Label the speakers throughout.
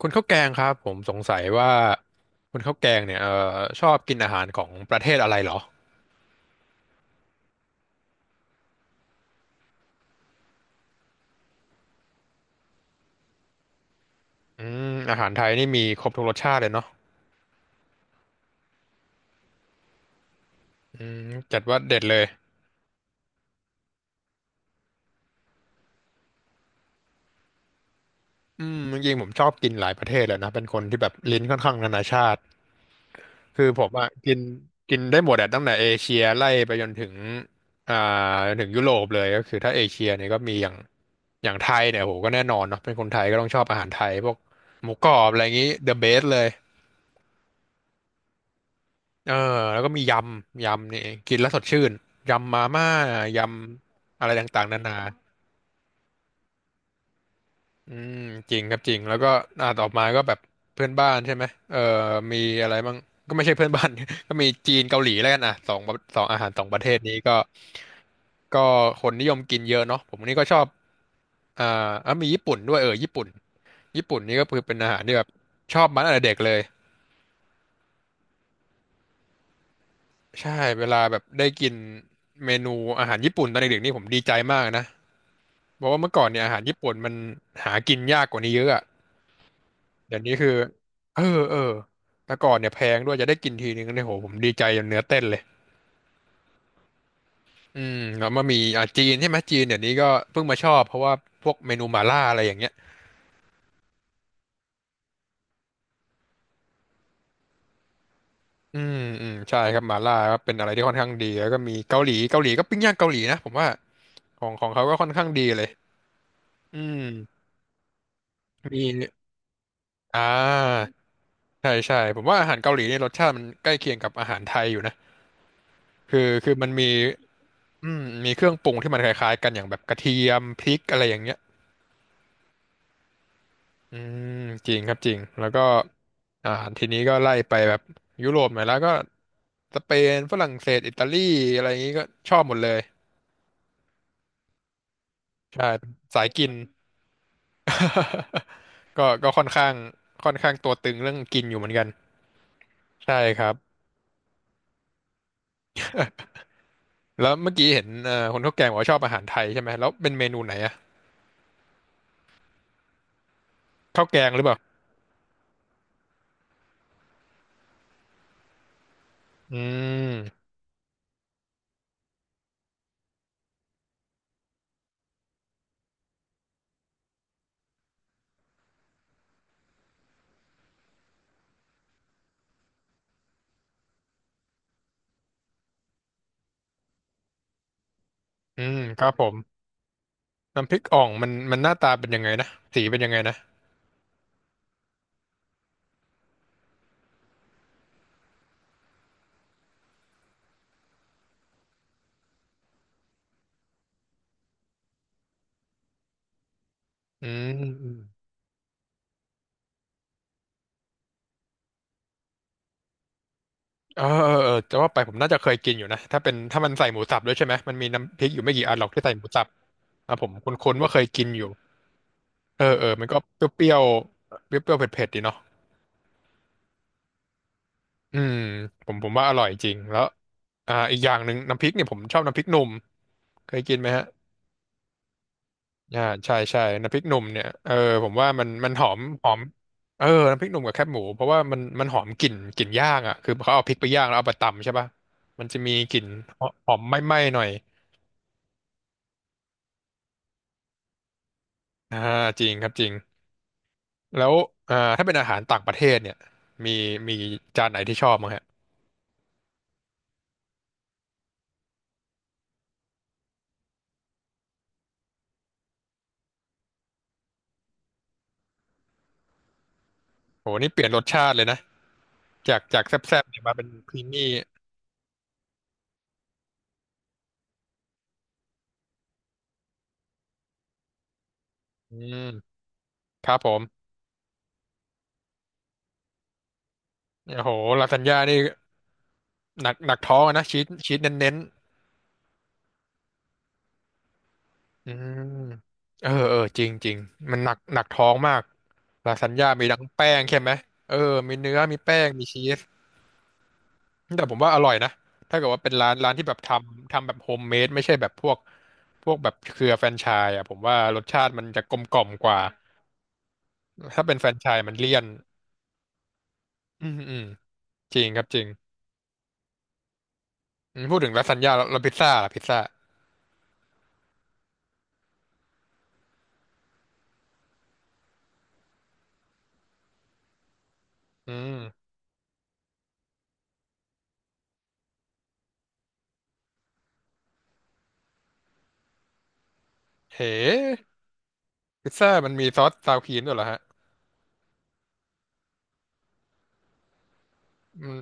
Speaker 1: คุณข้าวแกงครับผมสงสัยว่าคุณข้าวแกงเนี่ยชอบกินอาหารของประเทศอะไรเหรออืมอาหารไทยนี่มีครบทุกรสชาติเลยเนาะอืมจัดว่าเด็ดเลยอืมจริงๆผมชอบกินหลายประเทศเลยนะเป็นคนที่แบบลิ้นค่อนข้างนานาชาติคือผมอะกินกินได้หมดอะตั้งแต่เอเชียไล่ไปจนถึงอ่าจนถึงยุโรปเลยก็คือถ้าเอเชียเนี่ยก็มีอย่างไทยเนี่ยโหก็แน่นอนเนาะเป็นคนไทยก็ต้องชอบอาหารไทยพวกหมูกรอบอะไรอย่างงี้ the best เลย เออแล้วก็มียำนี่กินแล้วสดชื่นยำมาม่ายำอะไรต่างๆนานาอืมจริงครับจริงแล้วก็ต่อมาก็แบบเพื่อนบ้านใช่ไหมเออมีอะไรบ้างก็ไม่ใช่เพื่อนบ้าน ก็มีจีนเกาหลีแล้วกันอ่ะสองอาหารสองประเทศนี้ก็ก็คนนิยมกินเยอะเนาะผมนี่ก็ชอบอ่าอ่ะมีญี่ปุ่นด้วยเออญี่ปุ่นญี่ปุ่นนี่ก็คือเป็นอาหารที่แบบชอบมาตั้งแต่เด็กเลยใช่เวลาแบบได้กินเมนูอาหารญี่ปุ่นตอนเด็กๆนี่ผมดีใจมากนะ บอกว่าเมื่อก่อนเนี่ยอาหารญี่ปุ่นมันหากินยากกว่านี้เยอะอะเดี๋ยวนี้คือเออแต่ก่อนเนี่ยแพงด้วยจะได้กินทีนึงเนี่ยโหผมดีใจจนเนื้อเต้นเลยอืมแล้วมามีจีนใช่ไหมจีนเดี๋ยวนี้ก็เพิ่งมาชอบเพราะว่าพวกเมนูหม่าล่าอะไรอย่างเงี้ยอืมใช่ครับหม่าล่าก็เป็นอะไรที่ค่อนข้างดีแล้วก็มีเกาหลีเกาหลีก็ปิ้งย่างเกาหลีนะผมว่าของของเขาก็ค่อนข้างดีเลยอืมมีอ่าใช่ใช่ผมว่าอาหารเกาหลีเนี่ยรสชาติมันใกล้เคียงกับอาหารไทยอยู่นะคือมันมี อืมมีเครื่องปรุงที่มันคล้ายๆกันอย่างแบบกระเทียมพริกอะไรอย่างเงี้ยอืมจริงครับจริงแล้วก็อ่าทีนี้ก็ไล่ไปแบบยุโรปหน่อยแล้วก็สเปนฝรั่งเศสอิตาลีอะไรอย่างงี้ก็ชอบหมดเลยใช่เป็นสายกิน ก็ค่อนข้างตัวตึงเรื่องกินอยู่เหมือนกันใช่ครับแล้วเมื่อกี้เห็นคนข้าวแกงบอกว่าชอบอาหารไทยใช่ไหมแล้วเป็นเมนูไหนอะข้าวแกงหรือเปล่าอืมอืมครับผมน้ำพริกอ่องมันหน้าตาเป็นยังไงนะสีเป็นยังไงนะ อืมอืมเออจะว่าไปผมน่าจะเคยกินอยู่นะถ้าเป็นถ้ามันใส่หมูสับด้วยใช่ไหมมันมีน้ำพริกอยู่ไม่กี่อันหรอกที่ใส่หมูสับอ่ะผมคุ้นๆว่าเคยกินอยู่เออมันก็เปรี้ยวๆเปรี้ยวๆเผ็ดๆดีเนาะอืมผมว่าอร่อยจริงแล้วอีกอย่างหนึ่งน้ำพริกเนี่ยผมชอบน้ำพริกหนุ่มเคยกินไหมฮะใช่ใช่น้ำพริกหนุ่มเนี่ยเออผมว่ามันหอมหอมเออน้ำพริกหนุ่มกับแคบหมูเพราะว่ามันหอมกลิ่นกลิ่นย่างอ่ะคือเขาเอาพริกไปย่างแล้วเอาไปตำใช่ป่ะมันจะมีกลิ่นหอมไหม้ๆหน่อย อ่าจริงครับจริงแล้วถ้าเป็นอาหารต่างประเทศเนี่ยมีมีจานไหนที่ชอบมั้งฮะโหนี่เปลี่ยนรสชาติเลยนะจากจากแซ่บๆเนี่ยมาเป็นครีมมี่อืมครับผมโอ้โหลาซานญ่านี่หนักหนักท้องอะนะชีสเน้นๆอืมเออจริงจริงมันหนักหนักท้องมากลาซานญ่ามีทั้งแป้งใช่ไหมเออมีเนื้อมีแป้งมีชีส แต่ผมว่าอร่อยนะ ถ้าเกิดว่าเป็นร้านที่แบบทำแบบโฮมเมดไม่ใช่แบบพวกพวกแบบเครือแฟรนไชส์อ่ะผมว่ารสชาติมันจะกลมกล่อมกว่าถ้าเป็นแฟรนไชส์มันเลี่ยน อืมจริงครับจริงอืมพูดถึงลาซานญ่าแล้วแล้วพิซซ่าล่ะพิซซ่าอืมเฮ้พิซซ่ามันมีซอสซาวครีมด้วยเหรอฮะมัน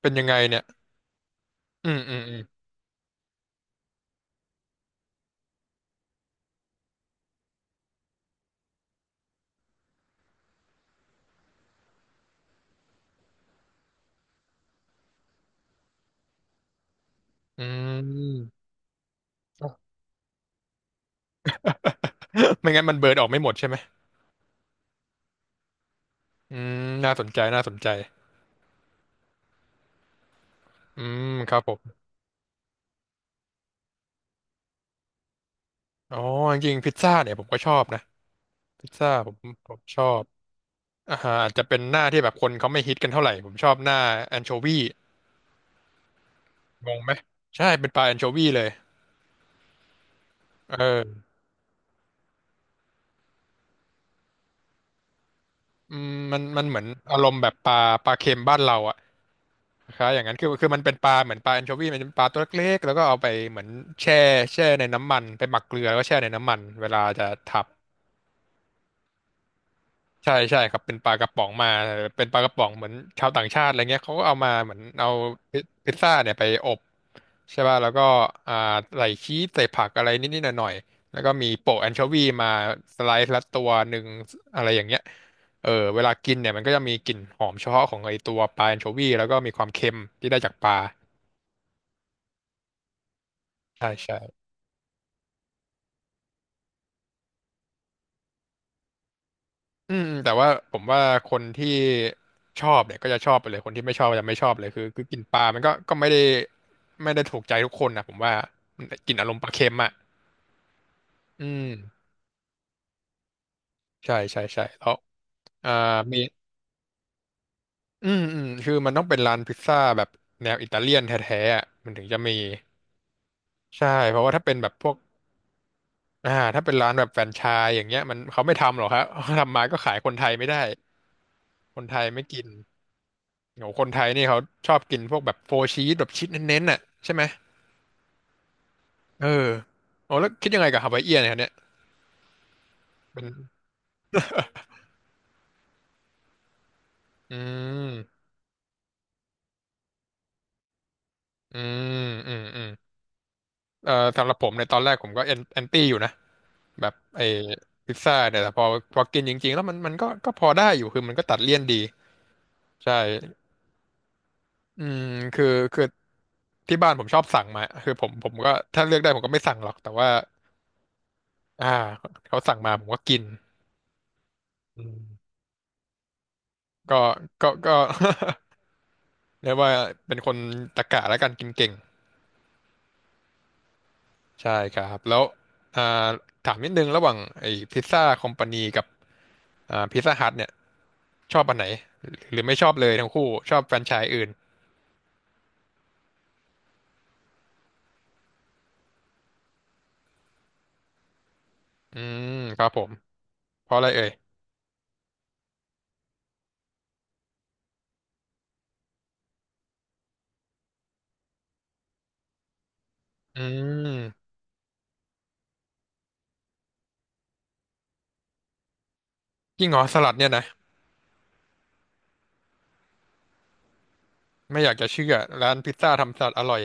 Speaker 1: เป็นยังไงเนี่ยอืมอืมอืมอืม ไม่งั้นมันเบิร์ดออกไม่หมดใช่ไหมอืมน่าสนใจน่าสนใจอืมครับผมอ๋อจริงๆพิซซ่าเนี่ยผมก็ชอบนะ พิซซ่าผมชอบอาหารอาจจะเป็นหน้าที่แบบคนเขาไม่ฮิตกันเท่าไหร่ผมชอบหน้าแอนโชวีงงไหมใช่เป็นปลาแอนโชวีเลยเอออืมมันเหมือนอารมณ์แบบปลาปลาเค็มบ้านเราอะคล้ายอย่างนั้นคือมันเป็นปลาเหมือนปลาแอนโชวีมันเป็นปลาตัวเล็กๆแล้วก็เอาไปเหมือนแช่แช่ในน้ำมันไปหมักเกลือแล้วก็แช่ในน้ำมันเวลาจะทำ ใช่ใช่ครับเป็นปลากระป๋องมาเป็นปลากระป๋องเหมือนชาวต่างชาติอะไรเงี้ยเขาก็เอามาเหมือนเอาพิพิซซ่าเนี่ยไปอบใช่ป่ะแล้วก็อ่าใส่ชีสใส่ผักอะไรนิดๆหน่อยๆแล้วก็มีโปะแอนโชวีมาสไลซ์ละตัวหนึ่งอะไรอย่างเงี้ยเออเวลากินเนี่ยมันก็จะมีกลิ่นหอมเฉพาะของไอตัวปลาแอนโชวีแล้วก็มีความเค็มที่ได้จากปลาใช่ใช่ อืมแต่ว่าผมว่าคนที่ชอบเนี่ยก็จะชอบไปเลยคนที่ไม่ชอบก็จะไม่ชอบเลยคือกินปลามันก็ไม่ได้ไม่ได้ถูกใจทุกคนนะผมว่ามันกินอารมณ์ปลาเค็มอ่ะอืมใช่ใช่ใช่แล้วอ่ามีอืมอืมคือมันต้องเป็นร้านพิซซ่าแบบแนวอิตาเลียนแท้ๆอะมันถึงจะมีใช่เพราะว่าถ้าเป็นแบบพวกอ่าถ้าเป็นร้านแบบแฟรนไชส์อย่างเงี้ยมันเขาไม่ทำหรอกครับ ทำมาก็ขายคนไทยไม่ได้คนไทยไม่กินโหคนไทยนี่เขาชอบกินพวกแบบโฟร์ชีสแบบชีสเน้นๆน่ะใช่ไหม เอออ๋อแล้วคิดยังไงกับฮาวายเอียนเนี่ยครับเนี่ยเป็นอืมอืมอืมอืมสำหรับผมในยตอนแรกผมก็แอนตี้อยู่นะ แบบไอ้พิซซ่าเนี่ยแต่พอกินจริงๆแล้วมันก็พอได้อยู่คือมันก็ตัดเลี่ยนดี ใช่อืมคือคือที่บ้านผมชอบสั่งมาคือผมก็ถ้าเลือกได้ผมก็ไม่สั่งหรอก แต่ว่าอ่าเขาสั่งมาผมก็กินอืมก็ก็ เรียกว่าเป็นคนตะกะและกันกินเก่ง ใช่ครับแล้วอ่าถามนิดนึงระหว่างไอ้พิซซ่าคอมพานีกับอ่าพิซซ่าฮัทเนี่ยชอบอันไหนหรือไม่ชอบเลยทั้งคู่ชอบแฟรนไชส์อื่นอืมครับผมเพราะอะไรเอ่ยอืมยิ่งเหรอสลัดเนี่ยนะไม่อยากจะเชื่อร้านพิซซ่าทำสลัดอร่อย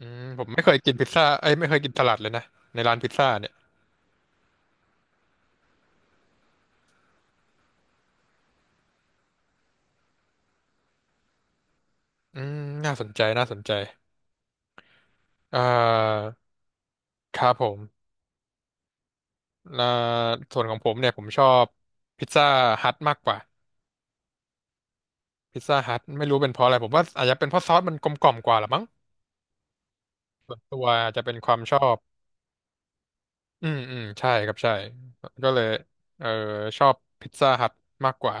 Speaker 1: อืมผมไม่เคยกินพิซซ่าเอ้ยไม่เคยกินสลัดเลยนะในร้านพิซซ่าเนี่ยอืมน่าสนใจน่าสนใจอ่าครับผมอ่าส่วนของผมเนี่ยผมชอบพิซซ่าฮัทมากกว่า พิซซ่าฮัทไม่รู้เป็นเพราะอะไรผมว่าอาจจะเป็นเพราะซอสมันกลมกล่อมกว่าหรือมั้งตัวอาจจะเป็นความชอบอืมอืมใช่ครับใช่ก็เลยเออชอบพิซซ่าฮัทมากกว่า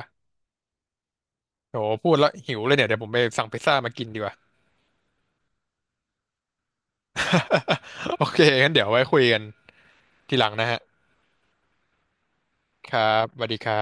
Speaker 1: โหพูดแล้วหิวเลยเนี่ยเดี๋ยวผมไปสั่งพิซซ่ามากินดีกว่า โอเคงั้นเดี๋ยวไว้คุยกันทีหลังนะฮะครับสวัสดีครับ